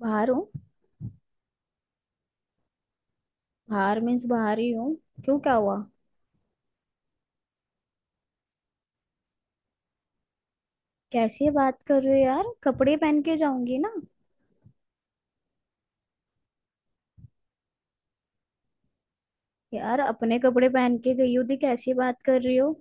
बाहर हूँ। बाहर मीन्स बाहर ही हूँ। क्यों, क्या हुआ? कैसी बात कर रही हो यार, कपड़े पहन के जाऊंगी ना। यार अपने कपड़े पहन के गई हो थी, कैसी बात कर रही हो।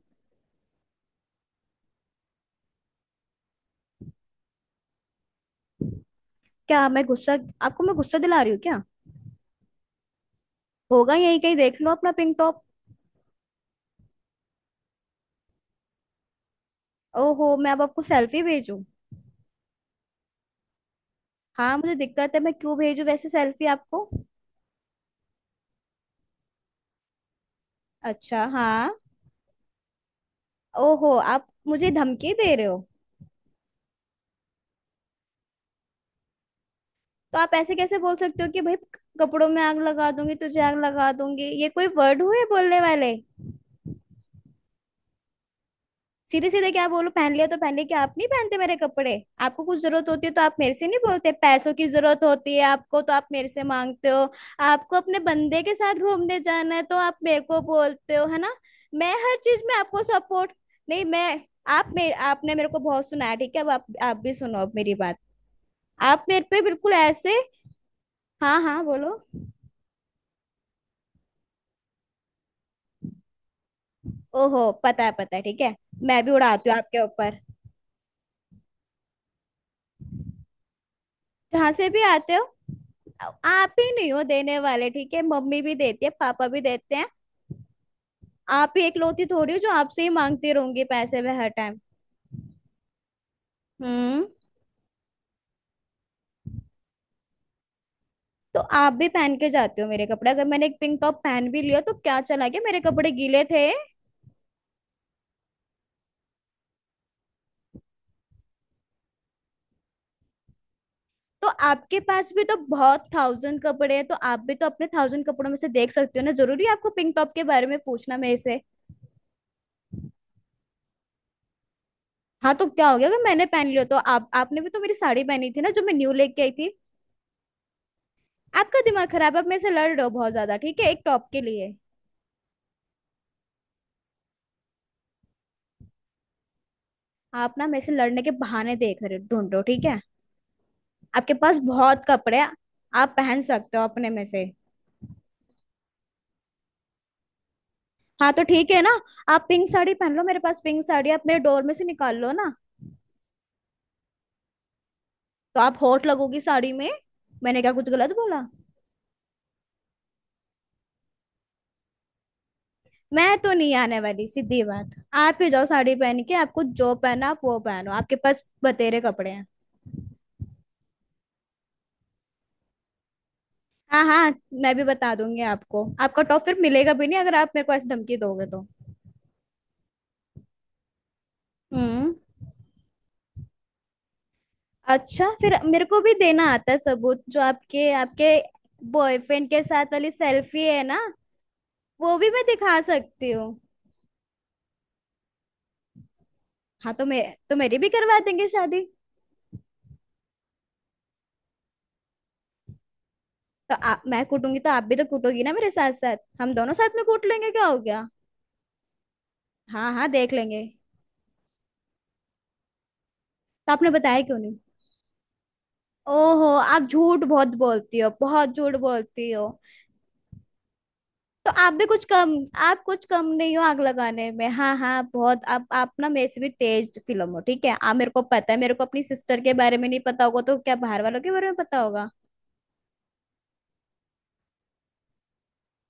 क्या मैं गुस्सा? आपको मैं गुस्सा दिला रही हूँ क्या? होगा यही कहीं, देख लो अपना पिंक टॉप। ओहो, मैं अब आपको सेल्फी भेजूं? हाँ मुझे दिक्कत है, मैं क्यों भेजूं वैसे सेल्फी आपको। अच्छा, हाँ। ओहो, आप मुझे धमकी दे रहे हो? तो आप ऐसे कैसे बोल सकते हो कि भाई, कपड़ों में आग लगा दूंगी, तुझे आग लगा दूंगी, ये कोई वर्ड हुए बोलने वाले? सीधे सीधे क्या बोलो, पहन लिया तो पहन लिया, क्या आप नहीं पहनते मेरे कपड़े? आपको कुछ जरूरत होती है तो आप मेरे से नहीं बोलते? पैसों की जरूरत होती है आपको तो आप मेरे से मांगते हो। आपको अपने बंदे के साथ घूमने जाना है तो आप मेरे को बोलते हो, है ना? मैं हर चीज में आपको सपोर्ट। नहीं मैं। आप मेरे आपने मेरे को बहुत सुना है, ठीक है, अब आप भी सुनो अब मेरी बात। आप मेरे पे बिल्कुल ऐसे। हाँ हाँ बोलो। ओहो, पता है पता है, ठीक है। मैं भी उड़ाती हूँ आपके ऊपर। जहां से भी आते हो। आप ही नहीं हो देने वाले, ठीक है, मम्मी भी देती है पापा भी देते हैं। आप ही इकलौती थोड़ी हो जो आपसे ही मांगती रहूंगी पैसे मैं हर टाइम। हम्म। तो आप भी पहन के जाते हो मेरे कपड़े, अगर मैंने एक पिंक टॉप पहन भी लिया तो क्या चला गया, मेरे कपड़े गीले थे। तो आपके पास भी तो बहुत थाउजेंड कपड़े हैं, तो आप भी तो अपने थाउजेंड कपड़ों में से देख सकते हो ना, जरूरी है आपको पिंक टॉप के बारे में पूछना मेरे से? हाँ तो क्या हो गया अगर मैंने पहन लिया तो, आप आपने भी तो मेरी साड़ी पहनी थी ना जो मैं न्यू लेके आई थी। आपका दिमाग खराब है, आप मेरे से लड़ रहे हो बहुत ज्यादा, ठीक है, एक टॉप के लिए। आप ना मेरे से लड़ने के बहाने देख रहे ढूंढो, ठीक है। आपके पास बहुत कपड़े हैं। आप पहन सकते हो अपने में से। हाँ तो ठीक है ना। आप पिंक साड़ी पहन लो, मेरे पास पिंक साड़ी है, आप मेरे डोर में से निकाल लो ना। तो आप होट लगोगी साड़ी में। मैंने क्या कुछ गलत बोला? मैं तो नहीं आने वाली, सीधी बात। आप ही जाओ साड़ी पहन के, आपको जो पहना आप वो पहनो, आपके पास बतेरे कपड़े हैं। हाँ हाँ। मैं भी बता दूंगी आपको, आपका टॉप फिर मिलेगा भी नहीं अगर आप मेरे को ऐसी धमकी दोगे तो। हम्म। अच्छा फिर मेरे को भी देना आता है सबूत, जो आपके आपके बॉयफ्रेंड के साथ वाली सेल्फी है ना, वो भी मैं दिखा सकती हूँ। हाँ तो मैं। तो मेरी भी करवा देंगे शादी। तो मैं कूटूंगी तो आप भी तो कूटोगी ना मेरे साथ, साथ हम दोनों साथ में कूट लेंगे, क्या हो गया? हाँ हाँ देख लेंगे। तो आपने बताया क्यों नहीं? ओहो, आप झूठ बहुत बोलती हो, बहुत झूठ बोलती हो। तो आप भी कुछ कम। आप कुछ कम नहीं हो आग लगाने में, हाँ हाँ बहुत, आप ना मेरे से भी तेज फिल्म हो, ठीक है। आ मेरे को पता है, मेरे को अपनी सिस्टर के बारे में नहीं पता होगा तो क्या बाहर वालों के बारे में पता होगा?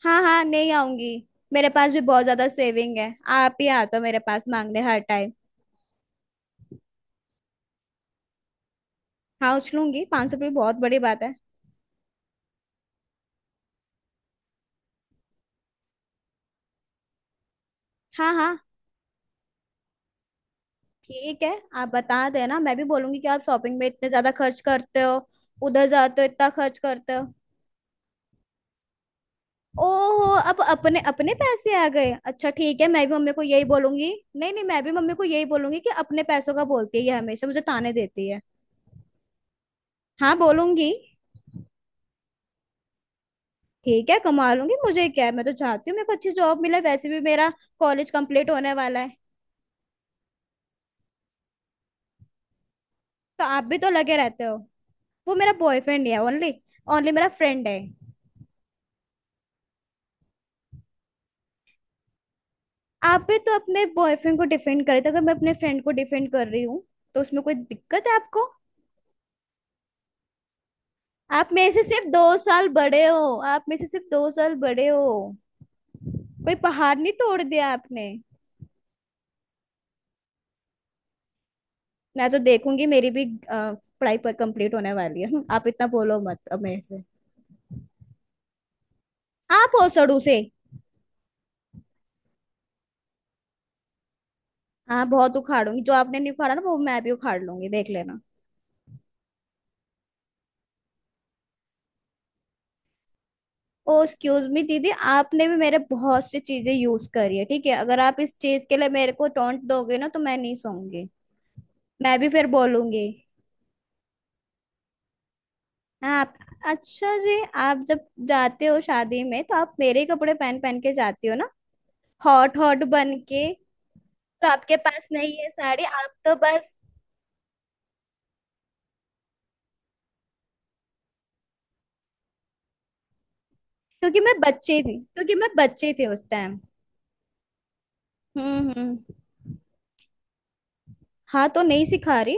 हाँ हाँ नहीं आऊंगी। मेरे पास भी बहुत ज्यादा सेविंग है, आप ही आते हो मेरे पास मांगने हर टाइम। हाँ उछलूंगी, 500 रुपये बहुत बड़ी बात है। हाँ हाँ ठीक है। आप बता देना, मैं भी बोलूंगी कि आप शॉपिंग में इतने ज्यादा खर्च करते हो, उधर जाते हो इतना खर्च करते हो। ओहो, अब अपने अपने पैसे आ गए, अच्छा ठीक है, मैं भी मम्मी को यही बोलूंगी। नहीं नहीं, मैं भी मम्मी को यही बोलूंगी कि अपने पैसों का बोलती है, ये हमेशा मुझे ताने देती है। हाँ बोलूंगी। ठीक है कमा लूंगी, मुझे क्या है, मैं तो चाहती हूँ मेरे को अच्छी जॉब मिले, वैसे भी मेरा कॉलेज कंप्लीट होने वाला है। तो आप भी तो लगे रहते हो, वो मेरा बॉयफ्रेंड है ओनली, ओनली मेरा फ्रेंड है। आप भी तो अपने बॉयफ्रेंड को डिफेंड करते हो, अगर मैं अपने फ्रेंड को डिफेंड कर रही हूँ तो उसमें कोई दिक्कत है आपको? आप मेरे से सिर्फ 2 साल बड़े हो। आप मेरे से सिर्फ दो साल बड़े हो। कोई पहाड़ नहीं तोड़ दिया आपने। मैं तो देखूंगी मेरी भी अ, पढ़ाई पर कंप्लीट होने वाली है। आप इतना बोलो मत अब मेरे से। आप ओसड़ू से। हाँ बहुत उखाड़ूंगी, जो आपने नहीं उखाड़ा ना वो मैं भी उखाड़ लूंगी, देख लेना। ओ एक्सक्यूज मी दीदी, आपने भी मेरे बहुत सी चीजें यूज करी है, ठीक है, अगर आप इस चीज के लिए मेरे को टोंट दोगे ना तो मैं नहीं सोऊंगी। मैं भी फिर बोलूंगी। आप। अच्छा जी। आप जब जाते हो शादी में तो आप मेरे ही कपड़े पहन पहन के जाती हो ना, हॉट हॉट बन के। तो आपके पास नहीं है साड़ी, आप तो बस। क्योंकि मैं बच्चे थी, क्योंकि मैं बच्चे थे उस टाइम। हम्म। हाँ तो नहीं सिखा रही।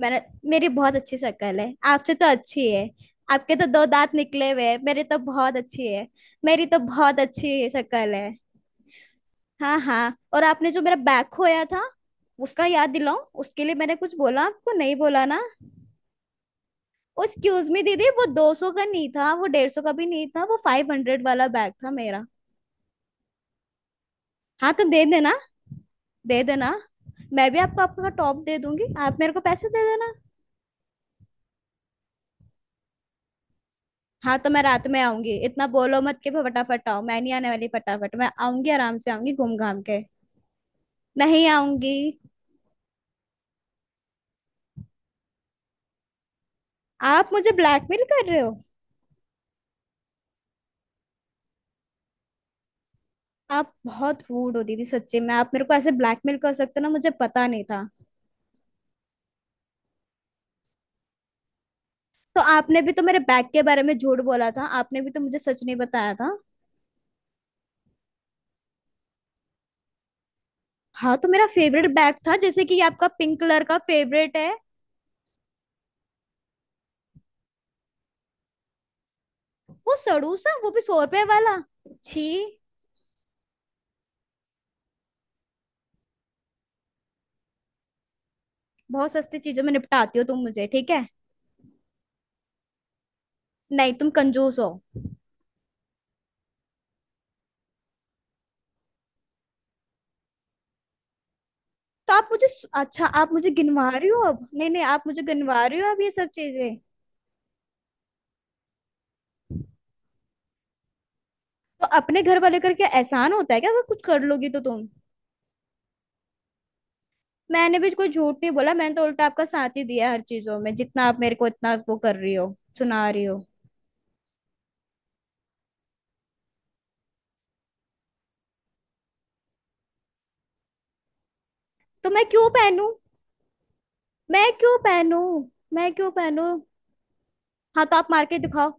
मैंने। मेरी बहुत अच्छी शक्ल है, आपसे तो अच्छी है। आपके तो दो दांत निकले हुए हैं, मेरे तो बहुत अच्छी है। मेरी तो बहुत अच्छी शक्ल है। हाँ हाँ, और आपने जो मेरा बैग खोया था उसका याद दिलाओ, उसके लिए मैंने कुछ बोला आपको, नहीं बोला ना। एक्सक्यूज मी दीदी, वो 200 का नहीं था, वो 150 का भी नहीं था, वो 500 वाला बैग था मेरा। हाँ तो दे देना, दे देना, मैं भी आपको आपका टॉप दे दूंगी, आप मेरे को पैसे दे देना। हाँ तो मैं रात में आऊंगी, इतना बोलो मत कि फटाफट आओ, मैं नहीं आने वाली फटाफट, मैं आऊंगी आराम से आऊंगी घूम घाम के। नहीं आऊंगी। आप मुझे ब्लैकमेल कर रहे हो? आप बहुत रूड हो दीदी, सच्ची में आप मेरे को ऐसे ब्लैकमेल कर सकते हो ना, मुझे पता नहीं था। तो आपने भी तो मेरे बैग के बारे में झूठ बोला था, आपने भी तो मुझे सच नहीं बताया था। हाँ तो मेरा फेवरेट बैग था, जैसे कि ये आपका पिंक कलर का फेवरेट है। वो सड़ू सा, वो भी 100 रुपए वाला। छी। बहुत सस्ती चीजों में निपटाती हो तुम मुझे, ठीक है। नहीं तुम कंजूस हो। तो आप मुझे। अच्छा आप मुझे गिनवा रही हो अब, नहीं नहीं, आप मुझे गिनवा रही हो अब ये सब चीजें। तो अपने घर वाले करके एहसान होता है क्या, अगर कुछ कर लोगी तो तुम? मैंने भी कोई झूठ नहीं बोला, मैंने तो उल्टा आपका साथ ही दिया हर चीजों में, जितना आप मेरे को इतना वो कर रही हो, सुना रही हो। तो मैं क्यों पहनूं? मैं क्यों पहनूं? मैं क्यों पहनूं? हाँ तो आप मार के दिखाओ।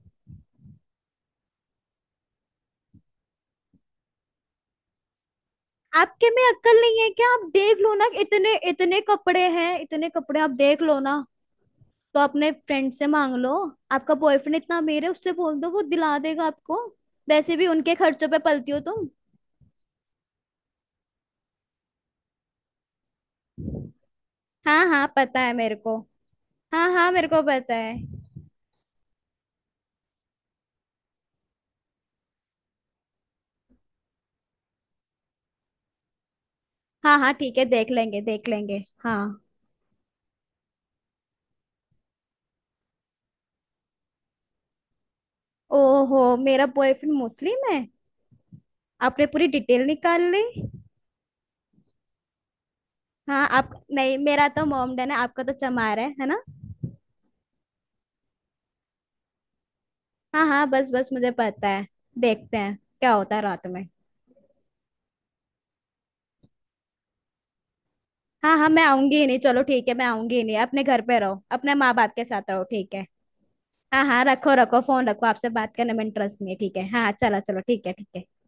आपके में अक्ल नहीं है क्या? आप देख लो ना कि इतने इतने कपड़े हैं इतने कपड़े, आप देख लो ना। तो अपने फ्रेंड से मांग लो, आपका बॉयफ्रेंड इतना अमीर है, उससे बोल दो वो दिला देगा आपको। वैसे भी उनके खर्चों पे पलती हो तुम। हाँ हाँ पता है मेरे को। हाँ हाँ मेरे को पता है। हाँ हाँ ठीक है, देख लेंगे देख लेंगे। हाँ। ओहो, मेरा बॉयफ्रेंड मुस्लिम है, आपने पूरी डिटेल निकाल ली? हाँ आप नहीं, मेरा तो मोमडन है, आपका तो चमार है ना? हाँ हाँ बस बस मुझे पता है। देखते हैं क्या होता है रात में। हाँ हाँ मैं आऊंगी ही नहीं, चलो ठीक है, मैं आऊंगी ही नहीं, अपने घर पे रहो अपने माँ बाप के साथ रहो, ठीक है। हाँ हाँ रखो रखो फोन, रखो, आपसे बात करने में इंटरेस्ट नहीं है, ठीक है, हाँ चलो चलो ठीक है ठीक है।